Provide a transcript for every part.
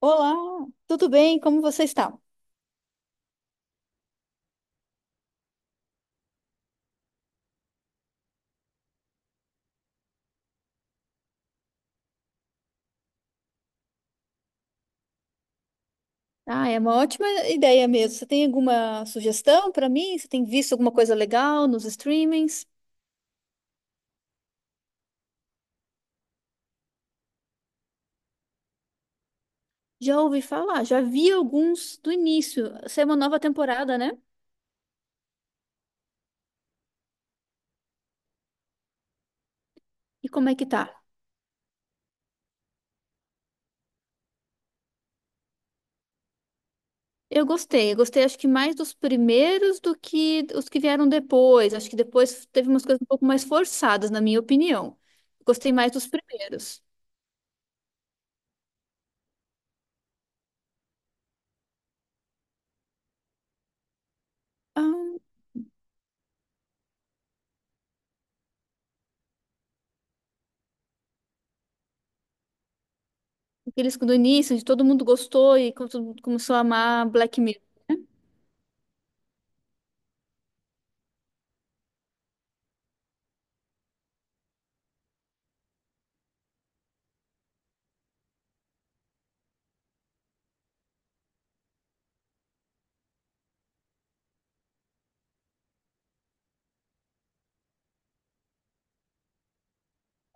Olá, tudo bem? Como você está? Ah, é uma ótima ideia mesmo. Você tem alguma sugestão para mim? Você tem visto alguma coisa legal nos streamings? Já ouvi falar, já vi alguns do início. Essa é uma nova temporada, né? E como é que tá? Eu gostei acho que mais dos primeiros do que os que vieram depois. Acho que depois teve umas coisas um pouco mais forçadas, na minha opinião. Gostei mais dos primeiros. Ah, aqueles do início, de todo mundo gostou e como todo mundo começou a amar Black Mirror.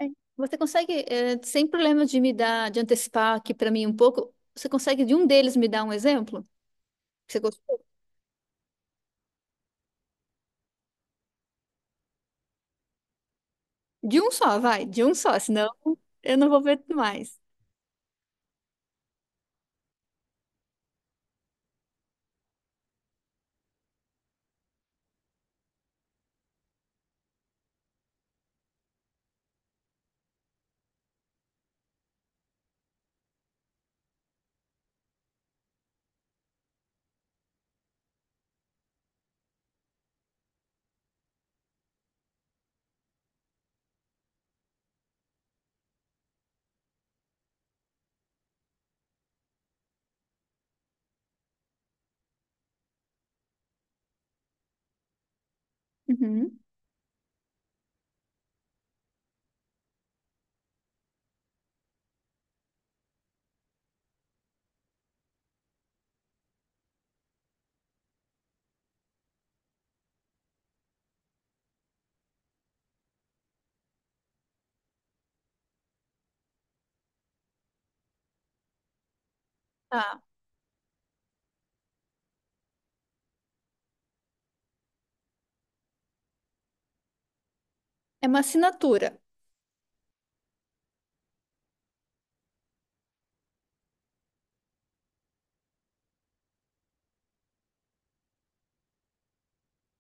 É. Você consegue, sem problema de antecipar aqui para mim um pouco, você consegue de um deles me dar um exemplo? Que você gostou? De um só, vai, de um só, senão eu não vou ver mais. Uhum. Tá. É uma assinatura.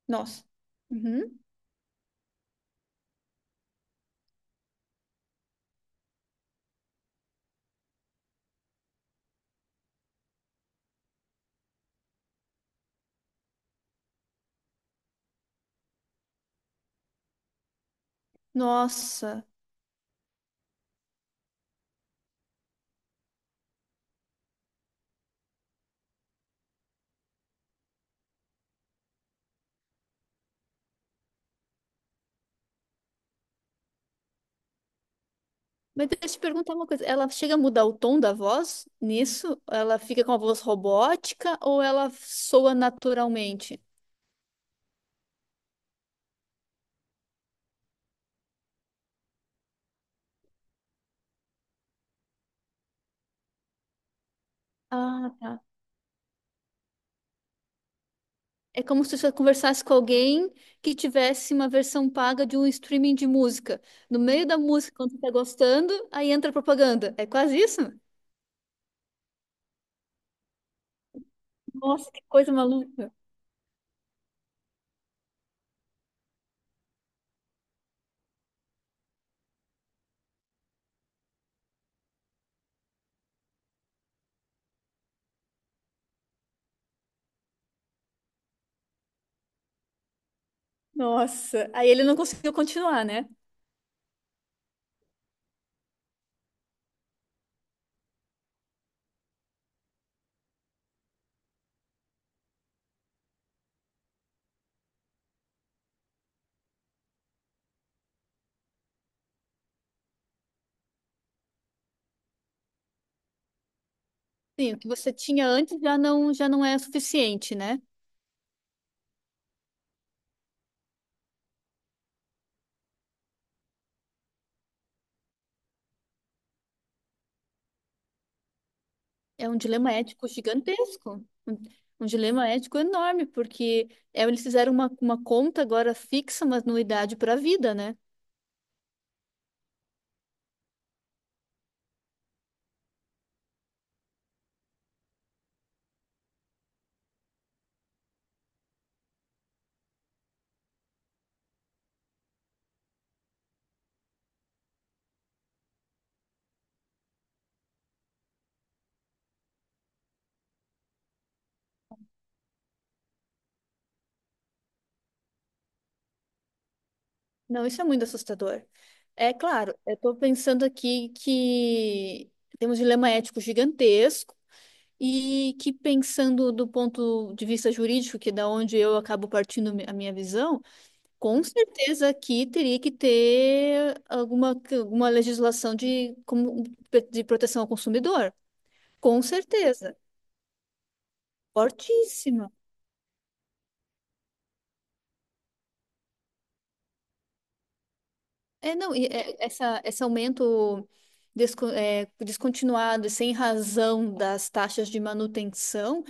Nossa. Uhum. Nossa. Mas deixa eu te perguntar uma coisa. Ela chega a mudar o tom da voz nisso? Ela fica com a voz robótica ou ela soa naturalmente? Ah, tá. É como se você conversasse com alguém que tivesse uma versão paga de um streaming de música. No meio da música, quando você tá gostando, aí entra a propaganda. É quase isso? Nossa, que coisa maluca. Nossa. Aí ele não conseguiu continuar, né? Sim, o que você tinha antes já não é suficiente, né? É um dilema ético gigantesco. Um dilema ético enorme, porque eles fizeram uma, conta agora fixa, uma anuidade para a vida, né? Não, isso é muito assustador. É claro, eu estou pensando aqui que temos um dilema ético gigantesco e que pensando do ponto de vista jurídico, que é da onde eu acabo partindo a minha visão, com certeza aqui teria que ter alguma legislação de proteção ao consumidor. Com certeza. Fortíssima. É, não, e esse aumento descontinuado e sem razão das taxas de manutenção,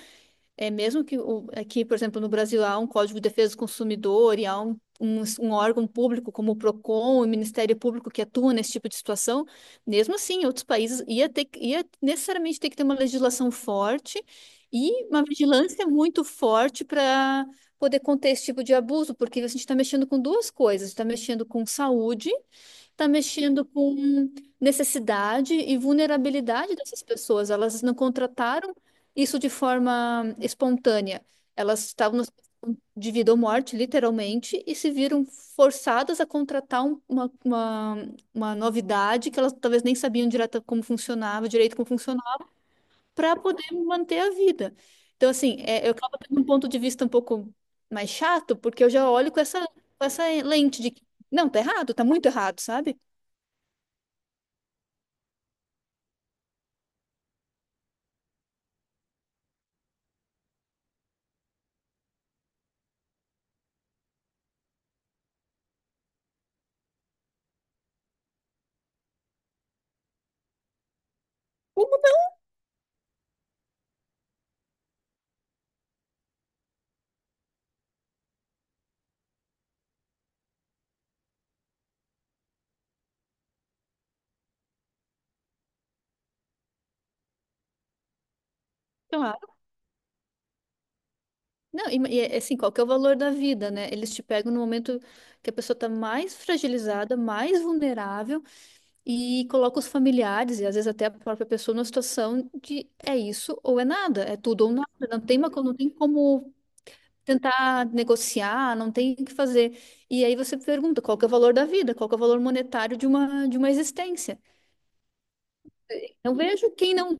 é mesmo que aqui, por exemplo, no Brasil há um Código de Defesa do Consumidor e há um órgão público como o PROCON, o Ministério Público que atua nesse tipo de situação, mesmo assim, em outros países ia necessariamente ter que ter uma legislação forte e uma vigilância muito forte para poder conter esse tipo de abuso, porque a gente está mexendo com duas coisas, está mexendo com saúde. Tá mexendo com necessidade e vulnerabilidade dessas pessoas. Elas não contrataram isso de forma espontânea. Elas estavam na situação de vida ou morte, literalmente, e se viram forçadas a contratar uma novidade que elas talvez nem sabiam direito como funcionava, para poder manter a vida. Então, assim, eu acabo tendo um ponto de vista um pouco mais chato, porque eu já olho com essa lente de que, não, tá errado, tá muito errado, sabe? Claro. Não, e é assim, qual que é o valor da vida, né? Eles te pegam no momento que a pessoa está mais fragilizada, mais vulnerável e colocam os familiares e às vezes até a própria pessoa numa situação de é isso ou é nada, é tudo ou nada, não tem como tentar negociar, não tem o que fazer. E aí você pergunta, qual que é o valor da vida? Qual que é o valor monetário de uma existência? Não vejo quem não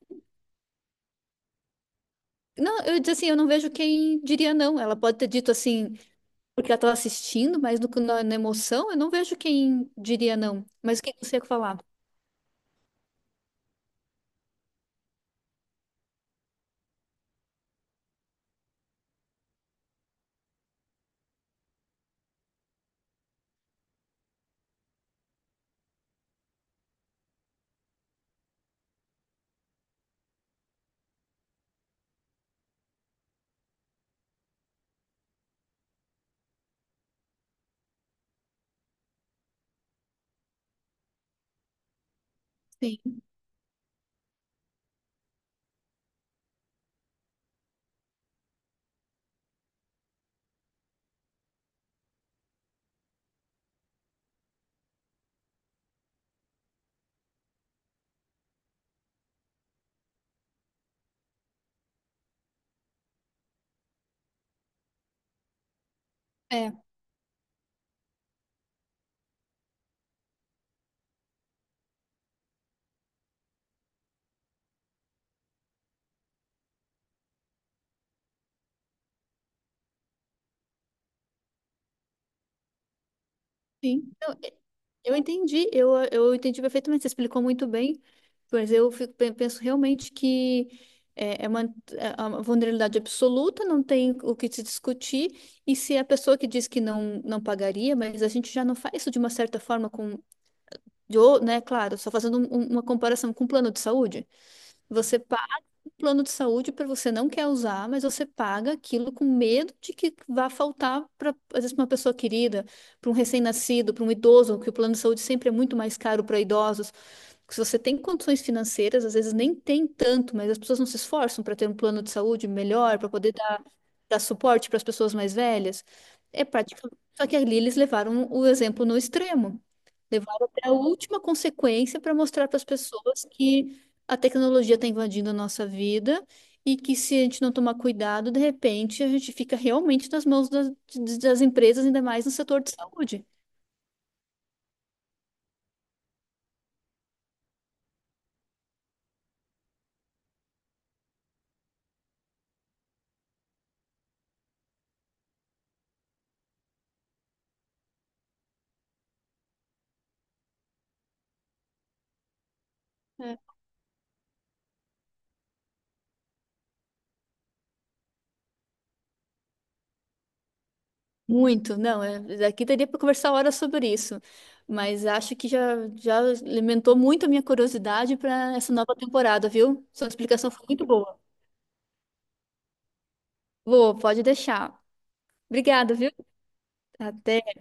Não, eu diz assim, eu não vejo quem diria não. Ela pode ter dito assim, porque ela estava assistindo, mas no, na, na emoção eu não vejo quem diria não. Mas o que você ia falar? Sim, é, sim. Eu entendi, eu entendi perfeitamente, você explicou muito bem, mas eu fico, penso realmente que é, é uma, é uma vulnerabilidade absoluta, não tem o que se discutir, e se a pessoa que diz que não, não pagaria, mas a gente já não faz isso de uma certa forma né, claro, só fazendo uma comparação com o plano de saúde, você plano de saúde para você não quer usar, mas você paga aquilo com medo de que vá faltar para, às vezes, uma pessoa querida, para um recém-nascido, para um idoso, que o plano de saúde sempre é muito mais caro para idosos. Porque se você tem condições financeiras, às vezes nem tem tanto, mas as pessoas não se esforçam para ter um plano de saúde melhor, para poder dar suporte para as pessoas mais velhas. É praticamente. Só que ali eles levaram o exemplo no extremo. Levaram até a última consequência para mostrar para as pessoas que a tecnologia está invadindo a nossa vida e que se a gente não tomar cuidado, de repente a gente fica realmente nas mãos das empresas, ainda mais no setor de saúde. É. Muito, não, daqui daria para conversar horas sobre isso, mas acho que já alimentou muito a minha curiosidade para essa nova temporada, viu? Sua explicação foi muito boa. Vou, pode deixar. Obrigada, viu? Até.